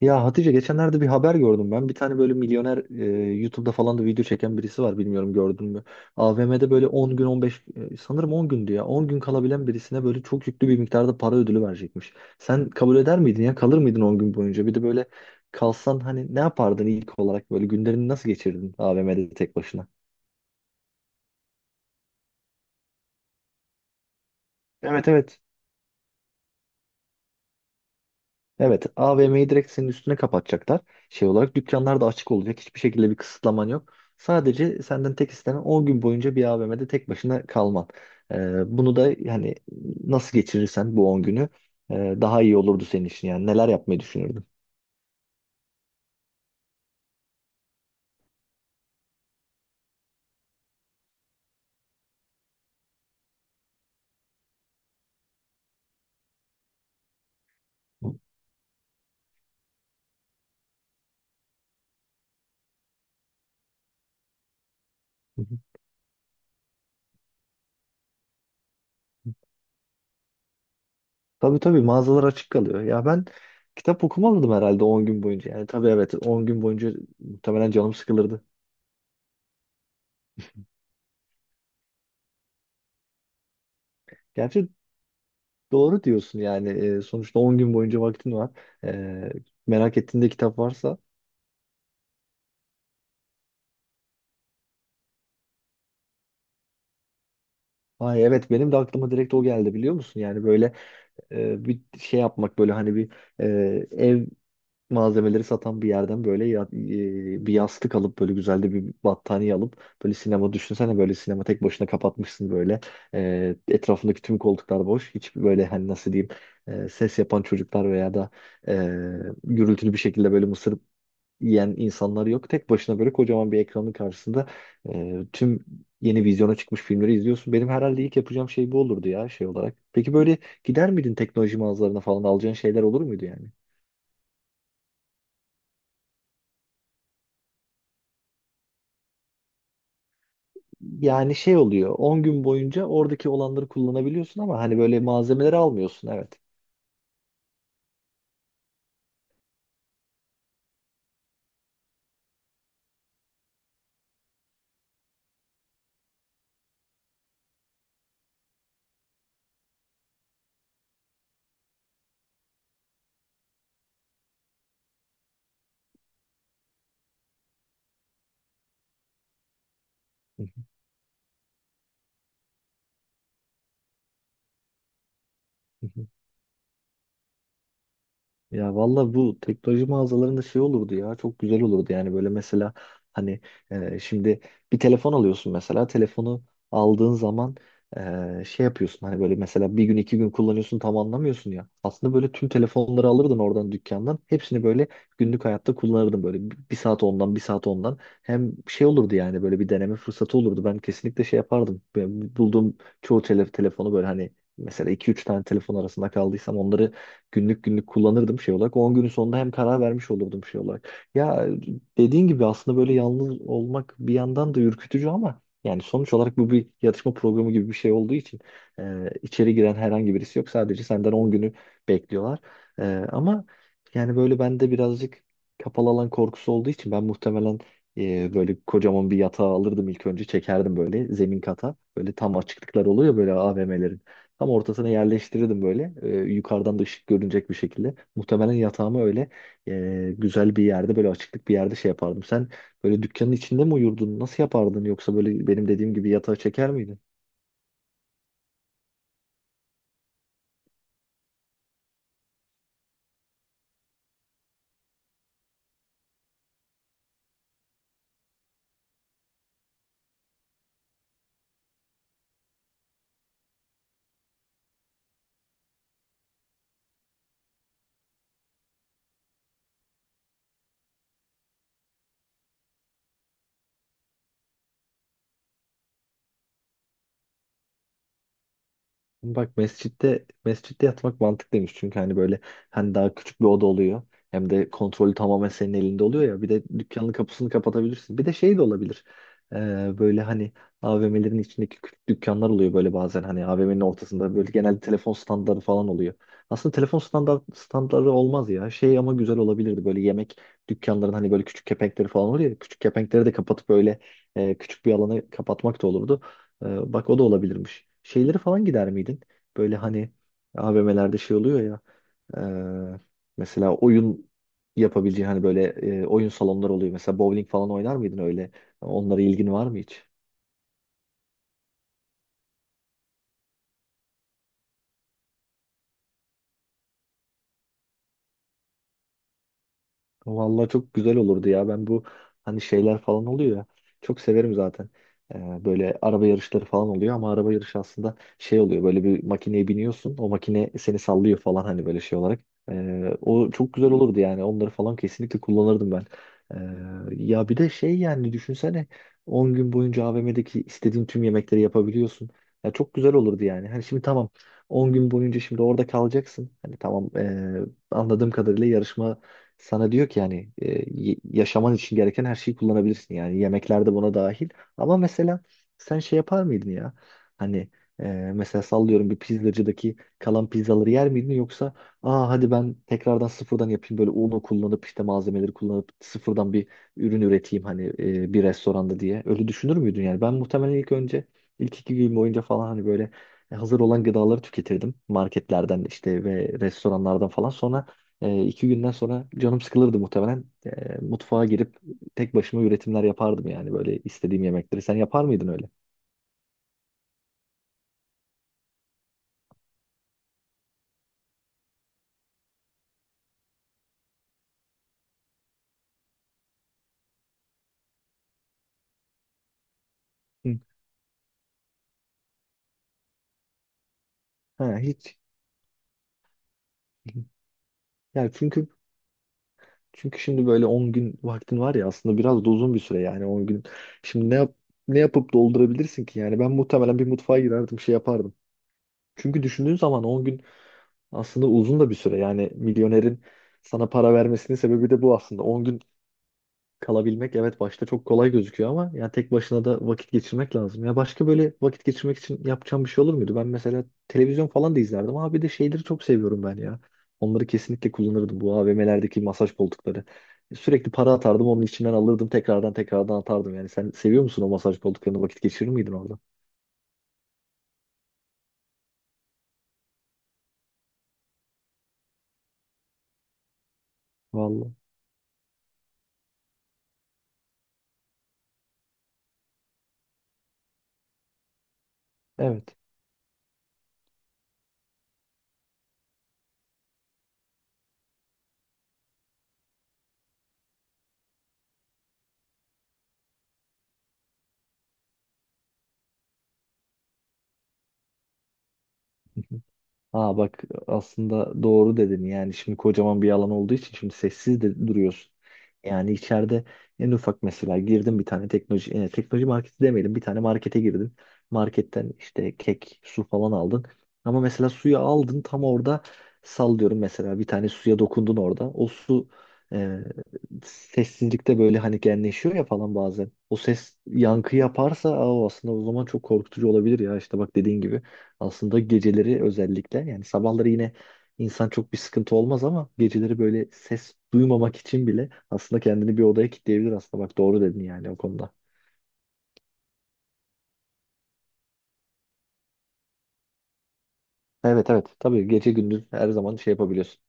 Ya Hatice, geçenlerde bir haber gördüm ben. Bir tane böyle milyoner, YouTube'da falan da video çeken birisi var, bilmiyorum, gördün mü? AVM'de böyle 10 gün 15, sanırım 10 gündü ya. 10 gün kalabilen birisine böyle çok yüklü bir miktarda para ödülü verecekmiş. Sen kabul eder miydin ya? Kalır mıydın 10 gün boyunca? Bir de böyle kalsan hani ne yapardın ilk olarak, böyle günlerini nasıl geçirdin AVM'de tek başına? Evet, evet. Evet, AVM'yi direkt senin üstüne kapatacaklar. Şey olarak dükkanlar da açık olacak. Hiçbir şekilde bir kısıtlaman yok. Sadece senden tek istenen 10 gün boyunca bir AVM'de tek başına kalman. Bunu da yani nasıl geçirirsen bu 10 günü daha iyi olurdu senin için. Yani neler yapmayı düşünürdün? Hı hı. Tabii tabii, mağazalar açık kalıyor. Ya ben kitap okumalıydım herhalde 10 gün boyunca. Yani tabii, evet, 10 gün boyunca muhtemelen canım sıkılırdı. Gerçi doğru diyorsun yani. Sonuçta 10 gün boyunca vaktin var. Ee, Merak ettiğinde kitap varsa. Ay evet, benim de aklıma direkt o geldi, biliyor musun? Yani böyle bir şey yapmak, böyle hani bir e, ev malzemeleri satan bir yerden böyle, bir yastık alıp, böyle güzel de bir battaniye alıp, böyle sinema, düşünsene, böyle sinema tek başına kapatmışsın böyle. Etrafındaki tüm koltuklar boş, hiç böyle, hani nasıl diyeyim, ses yapan çocuklar veya da e, gürültülü bir şekilde böyle mısır yiyen insanlar yok. Tek başına böyle kocaman bir ekranın karşısında tüm yeni vizyona çıkmış filmleri izliyorsun. Benim herhalde ilk yapacağım şey bu olurdu ya, şey olarak. Peki böyle gider miydin teknoloji mağazalarına falan, alacağın şeyler olur muydu yani? Yani şey oluyor, 10 gün boyunca oradaki olanları kullanabiliyorsun ama hani böyle malzemeleri almıyorsun, evet. Ya valla bu teknoloji mağazalarında şey olurdu ya, çok güzel olurdu yani. Böyle mesela hani, şimdi bir telefon alıyorsun mesela, telefonu aldığın zaman şey yapıyorsun, hani böyle mesela bir gün iki gün kullanıyorsun, tam anlamıyorsun ya aslında. Böyle tüm telefonları alırdın oradan, dükkandan hepsini böyle günlük hayatta kullanırdın, böyle bir saat ondan, bir saat ondan, hem şey olurdu yani. Böyle bir deneme fırsatı olurdu, ben kesinlikle şey yapardım. Ben bulduğum çoğu telefonu, böyle hani mesela iki üç tane telefon arasında kaldıysam onları günlük günlük kullanırdım, şey olarak. On günün sonunda hem karar vermiş olurdum, şey olarak. Ya, dediğin gibi aslında böyle yalnız olmak bir yandan da ürkütücü, ama yani sonuç olarak bu bir yatışma programı gibi bir şey olduğu için içeri giren herhangi birisi yok. Sadece senden 10 günü bekliyorlar. E, Ama yani, böyle bende birazcık kapalı alan korkusu olduğu için ben muhtemelen böyle kocaman bir yatağı alırdım ilk önce, çekerdim böyle zemin kata. Böyle tam açıklıklar oluyor böyle a V m'lerin tam ortasına, yerleştirirdim böyle. Yukarıdan da ışık görünecek bir şekilde. Muhtemelen yatağımı öyle güzel bir yerde, böyle açıklık bir yerde şey yapardım. Sen böyle dükkanın içinde mi uyurdun? Nasıl yapardın? Yoksa böyle benim dediğim gibi yatağa çeker miydin? Bak, mescitte mescitte yatmak mantıklıymış, çünkü hani böyle, hani daha küçük bir oda oluyor. Hem de kontrolü tamamen senin elinde oluyor ya. Bir de dükkanın kapısını kapatabilirsin. Bir de şey de olabilir. Böyle hani AVM'lerin içindeki küçük dükkanlar oluyor böyle, bazen hani AVM'nin ortasında böyle genelde telefon standları falan oluyor. Aslında telefon standları olmaz ya. Şey, ama güzel olabilirdi böyle, yemek dükkanların hani böyle küçük kepenkleri falan oluyor ya. Küçük kepenkleri de kapatıp böyle küçük bir alanı kapatmak da olurdu. Bak, o da olabilirmiş. Şeyleri falan gider miydin? Böyle hani AVM'lerde şey oluyor ya. e, Mesela oyun yapabileceğin, hani böyle oyun salonları oluyor. Mesela bowling falan oynar mıydın öyle? Onlara ilgin var mı hiç? Vallahi çok güzel olurdu ya. Ben bu, hani şeyler falan oluyor ya. Çok severim zaten. Böyle araba yarışları falan oluyor, ama araba yarışı aslında şey oluyor. Böyle bir makineye biniyorsun. O makine seni sallıyor falan, hani böyle şey olarak. O çok güzel olurdu yani. Onları falan kesinlikle kullanırdım ben. Ya bir de şey, yani düşünsene, 10 gün boyunca AVM'deki istediğin tüm yemekleri yapabiliyorsun. Ya çok güzel olurdu yani. Hani şimdi tamam, 10 gün boyunca şimdi orada kalacaksın. Hani tamam, anladığım kadarıyla yarışma sana diyor ki yani, yaşaman için gereken her şeyi kullanabilirsin, yani yemekler de buna dahil. Ama mesela sen şey yapar mıydın ya? Hani e, mesela sallıyorum, bir pizzacıdaki kalan pizzaları yer miydin, yoksa aa, hadi ben tekrardan sıfırdan yapayım, böyle unu kullanıp, işte malzemeleri kullanıp sıfırdan bir ürün üreteyim, hani bir restoranda diye. Öyle düşünür müydün yani? Ben muhtemelen ilk önce, ilk iki gün boyunca falan, hani böyle hazır olan gıdaları tüketirdim, marketlerden işte ve restoranlardan falan. Sonra iki günden sonra canım sıkılırdı muhtemelen. Mutfağa girip tek başıma üretimler yapardım yani, böyle istediğim yemekleri. Sen yapar mıydın öyle? Hı. Ha, hiç. Ya çünkü, şimdi böyle 10 gün vaktin var ya, aslında biraz da uzun bir süre yani, 10 gün. Şimdi ne yapıp doldurabilirsin ki yani? Ben muhtemelen bir mutfağa girerdim, şey yapardım. Çünkü düşündüğün zaman 10 gün aslında uzun da bir süre yani. Milyonerin sana para vermesinin sebebi de bu aslında. On gün kalabilmek, evet, başta çok kolay gözüküyor ama yani tek başına da vakit geçirmek lazım. Ya, başka böyle vakit geçirmek için yapacağım bir şey olur muydu? Ben mesela televizyon falan da izlerdim, ama bir de şeyleri çok seviyorum ben ya. Onları kesinlikle kullanırdım, bu AVM'lerdeki masaj koltukları. Sürekli para atardım, onun içinden alırdım, tekrardan tekrardan atardım. Yani sen seviyor musun o masaj koltuklarını, vakit geçirir miydin orada? Vallahi. Evet. Aa bak, aslında doğru dedin. Yani şimdi kocaman bir alan olduğu için, şimdi sessiz de duruyorsun. Yani içeride en ufak, mesela girdim, bir tane teknoloji, marketi demeyelim, bir tane markete girdin. Marketten işte kek, su falan aldın. Ama mesela suyu aldın, tam orada sallıyorum mesela, bir tane suya dokundun orada. O su e, sessizlikte böyle hani genleşiyor ya falan bazen. O ses yankı yaparsa, aa, o aslında o zaman çok korkutucu olabilir ya, işte bak dediğin gibi. Aslında geceleri özellikle, yani sabahları yine insan çok bir sıkıntı olmaz, ama geceleri böyle ses duymamak için bile aslında kendini bir odaya kilitleyebilir aslında. Bak, doğru dedin yani, o konuda. Evet evet, tabii gece gündüz her zaman şey yapabiliyorsun.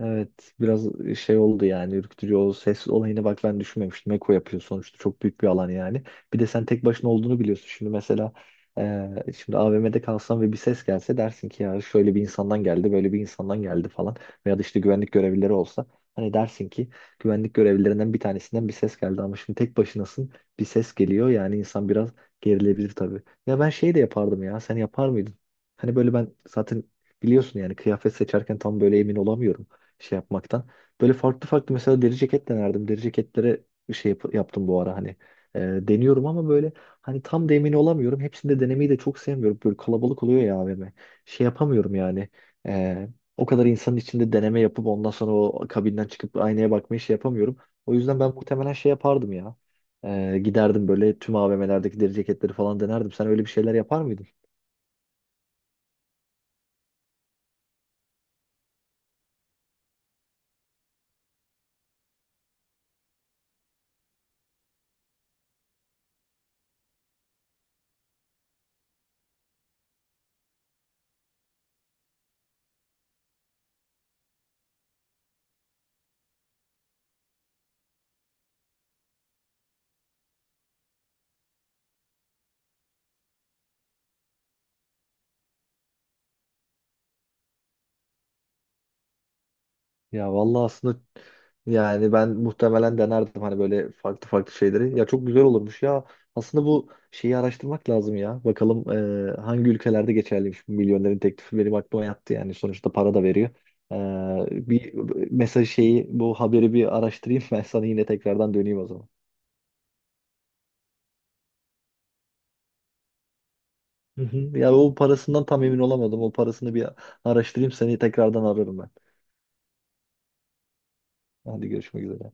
Evet, biraz şey oldu yani, ürkütücü. O ses olayına bak, ben düşünmemiştim. Eko yapıyor sonuçta, çok büyük bir alan yani. Bir de sen tek başına olduğunu biliyorsun. Şimdi mesela, şimdi AVM'de kalsan ve bir ses gelse, dersin ki ya, şöyle bir insandan geldi, böyle bir insandan geldi falan. Veya da işte güvenlik görevlileri olsa, hani dersin ki güvenlik görevlilerinden bir tanesinden bir ses geldi. Ama şimdi tek başınasın, bir ses geliyor yani, insan biraz gerilebilir tabii. Ya ben şey de yapardım ya, sen yapar mıydın? Hani böyle ben zaten, biliyorsun yani, kıyafet seçerken tam böyle emin olamıyorum şey yapmaktan. Böyle farklı farklı mesela deri ceket denerdim. Deri ceketlere yaptım bu ara hani. E, Deniyorum ama, böyle hani tam da emin olamıyorum. Hepsini de denemeyi de çok sevmiyorum. Böyle kalabalık oluyor ya AVM. Şey yapamıyorum yani. E, O kadar insanın içinde deneme yapıp ondan sonra o kabinden çıkıp aynaya bakmayı şey yapamıyorum. O yüzden ben muhtemelen şey yapardım ya. Giderdim, böyle tüm AVM'lerdeki deri ceketleri falan denerdim. Sen öyle bir şeyler yapar mıydın? Ya vallahi, aslında yani ben muhtemelen denerdim, hani böyle farklı farklı şeyleri. Ya, çok güzel olurmuş ya. Aslında bu şeyi araştırmak lazım ya. Bakalım hangi ülkelerde geçerliymiş bu milyonerin teklifi, benim aklıma yattı yani. Sonuçta para da veriyor. Bir mesaj şeyi, bu haberi bir araştırayım ben, sana yine tekrardan döneyim o zaman. Hı hı. Ya, o parasından tam emin olamadım. O parasını bir araştırayım, seni tekrardan ararım ben. Hadi görüşmek üzere.